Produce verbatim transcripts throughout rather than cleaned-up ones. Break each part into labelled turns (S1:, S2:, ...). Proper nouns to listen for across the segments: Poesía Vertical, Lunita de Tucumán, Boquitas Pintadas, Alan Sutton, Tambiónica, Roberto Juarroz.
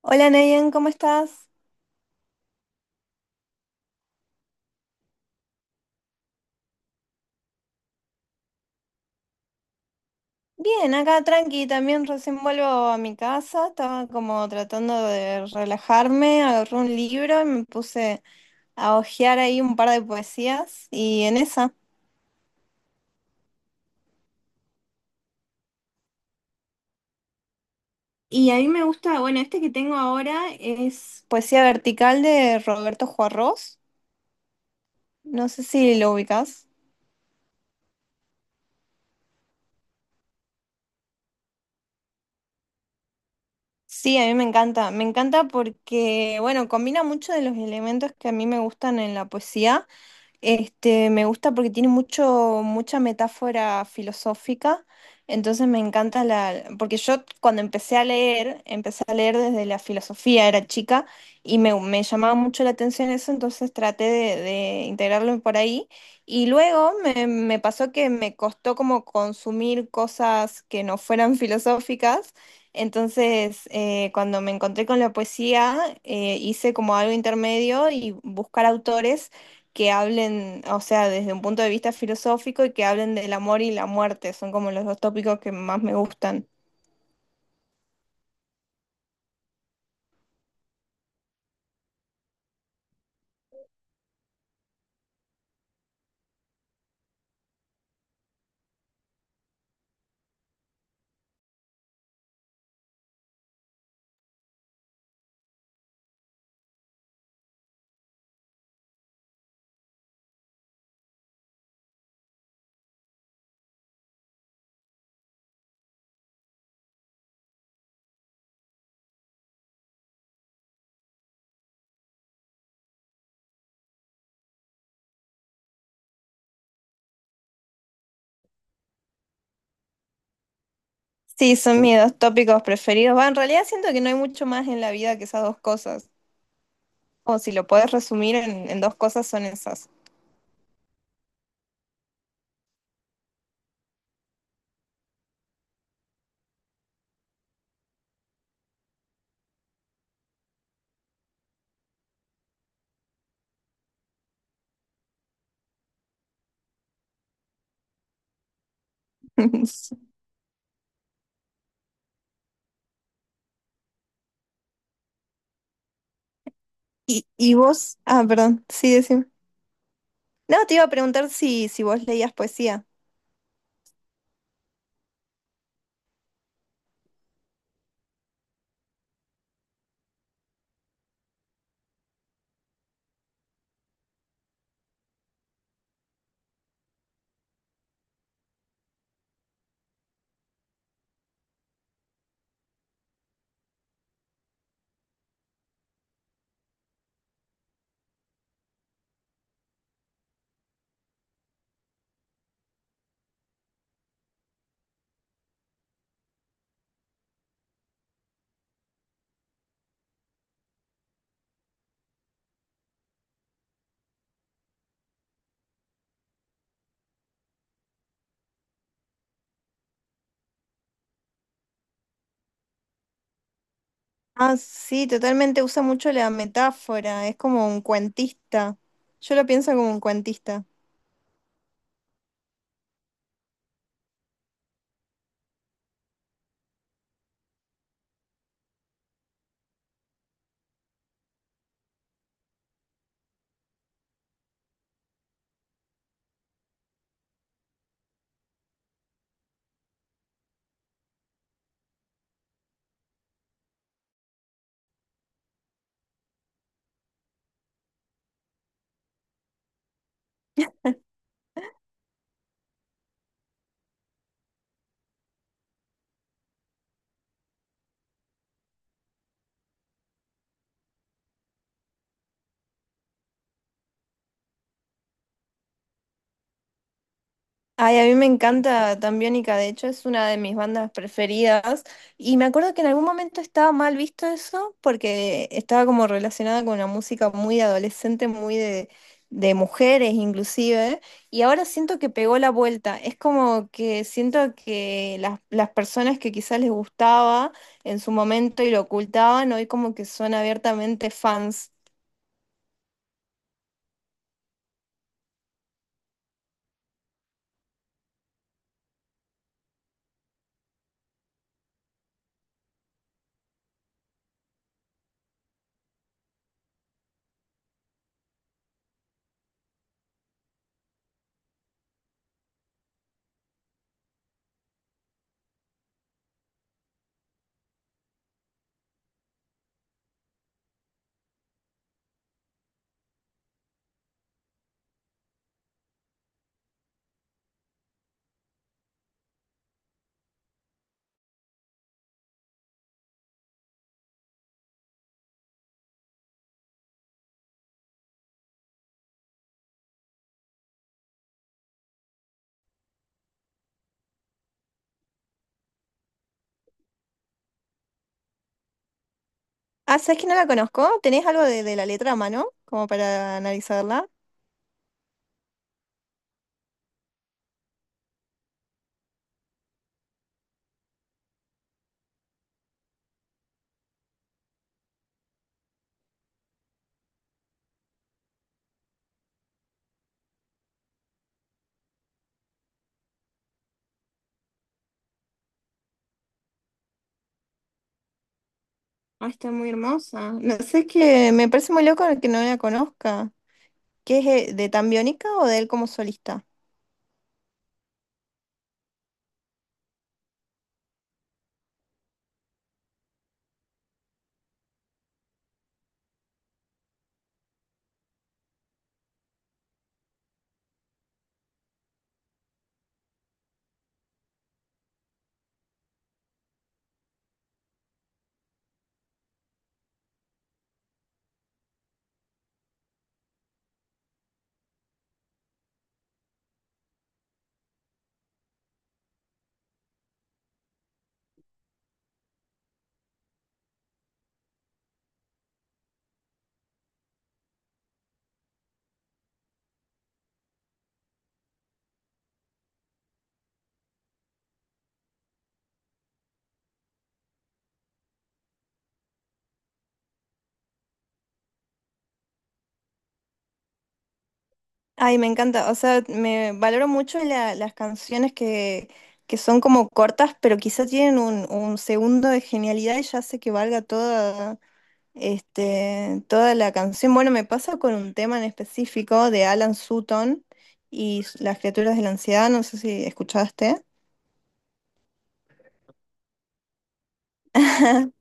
S1: Hola Nayan, ¿cómo estás? Bien, acá tranqui, también recién vuelvo a mi casa, estaba como tratando de relajarme, agarré un libro y me puse a hojear ahí un par de poesías y en esa. Y a mí me gusta, bueno, este que tengo ahora es Poesía Vertical de Roberto Juarroz, no sé si lo ubicás. Sí, a mí me encanta, me encanta porque, bueno, combina mucho de los elementos que a mí me gustan en la poesía. Este, me gusta porque tiene mucho, mucha metáfora filosófica, entonces me encanta la, porque yo cuando empecé a leer, empecé a leer desde la filosofía, era chica, y me, me llamaba mucho la atención eso, entonces traté de, de integrarlo por ahí, y luego me, me pasó que me costó como consumir cosas que no fueran filosóficas, entonces eh, cuando me encontré con la poesía, eh, hice como algo intermedio y buscar autores que hablen, o sea, desde un punto de vista filosófico y que hablen del amor y la muerte. Son como los dos tópicos que más me gustan. Sí, son mis dos tópicos preferidos. Va, en realidad siento que no hay mucho más en la vida que esas dos cosas. O si lo puedes resumir en, en dos cosas, son esas. ¿Y, y vos? Ah, perdón, sí, decime. No, te iba a preguntar si, si, vos leías poesía. Ah, sí, totalmente usa mucho la metáfora, es como un cuentista. Yo lo pienso como un cuentista. Ay, a mí me encanta Tambiónica, de hecho es una de mis bandas preferidas y me acuerdo que en algún momento estaba mal visto eso porque estaba como relacionada con una música muy adolescente, muy de, de mujeres inclusive, y ahora siento que pegó la vuelta, es como que siento que las, las personas que quizás les gustaba en su momento y lo ocultaban, hoy como que son abiertamente fans. Ah, ¿sabes que no la conozco? ¿Tenés algo de, de la letra a mano? Como para analizarla. Ah, está muy hermosa. No sé, es que me parece muy loco que no la conozca. ¿Qué es eh, de tan biónica o de él como solista? Ay, me encanta. O sea, me valoro mucho la- las canciones que, que son como cortas, pero quizás tienen un, un segundo de genialidad y ya hace que valga toda. Este, toda la canción, bueno, me pasa con un tema en específico de Alan Sutton y las criaturas de la ansiedad, no sé si escuchaste.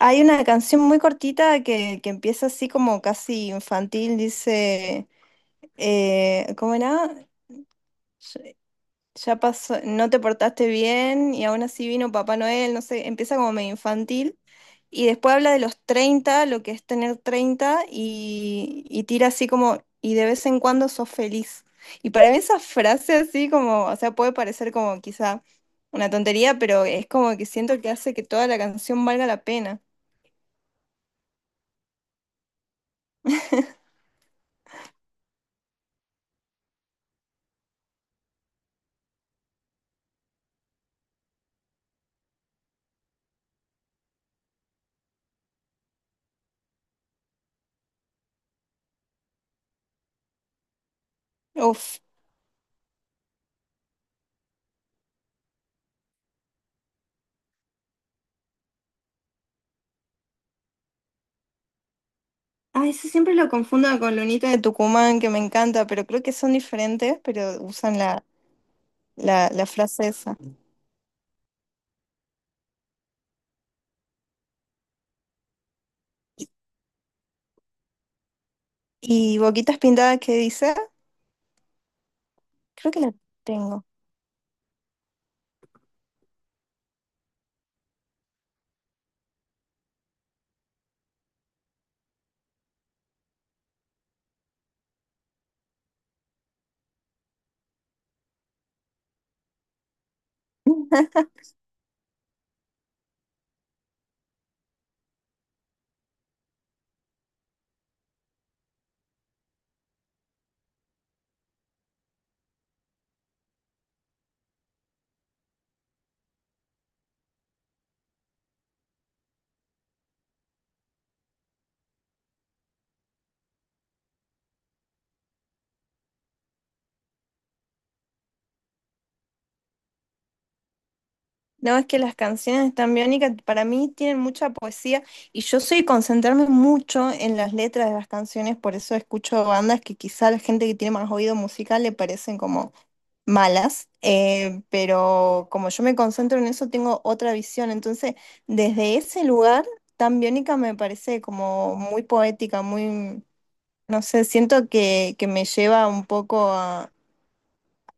S1: Hay una canción muy cortita que, que, empieza así como casi infantil, dice, eh, ¿cómo era? Ya pasó, no te portaste bien y aún así vino Papá Noel, no sé, empieza como medio infantil. Y después habla de los treinta lo que es tener treinta y, y tira así como, y de vez en cuando sos feliz. Y para mí esa frase así como, o sea, puede parecer como quizá una tontería, pero es como que siento que hace que toda la canción valga la pena. Uf. Ah, eso siempre lo confundo con Lunita de Tucumán, que me encanta, pero creo que son diferentes, pero usan la, la, la, frase esa. Y Boquitas Pintadas, ¿qué dice? Creo que la tengo. No, es que las canciones están biónicas, para mí tienen mucha poesía y yo soy concentrarme mucho en las letras de las canciones, por eso escucho bandas que quizá a la gente que tiene más oído musical le parecen como malas, eh, pero como yo me concentro en eso tengo otra visión, entonces desde ese lugar tan biónica me parece como muy poética, muy, no sé, siento que, que, me lleva un poco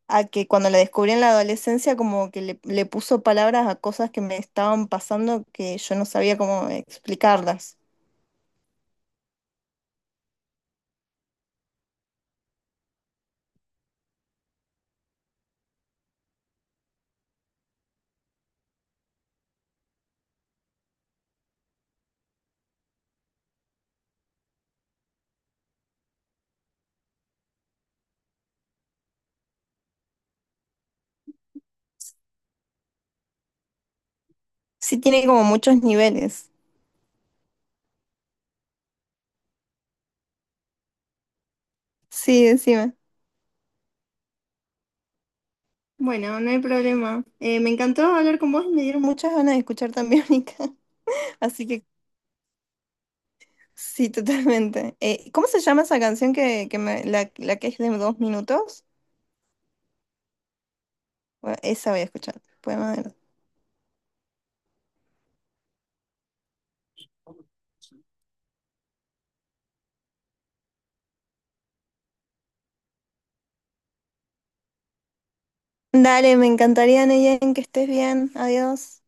S1: a que cuando la descubrí en la adolescencia como que le, le puso palabras a cosas que me estaban pasando que yo no sabía cómo explicarlas. Sí, tiene como muchos niveles. Sí, decime. Bueno, no hay problema. Eh, me encantó hablar con vos y me dieron muchas ganas de escuchar también Mica. Así que sí, totalmente. Eh, ¿cómo se llama esa canción que, que me, la, la que es de dos minutos? Bueno, esa voy a escuchar. Poema de- Dale, me encantaría, Neyen, que estés bien. Adiós.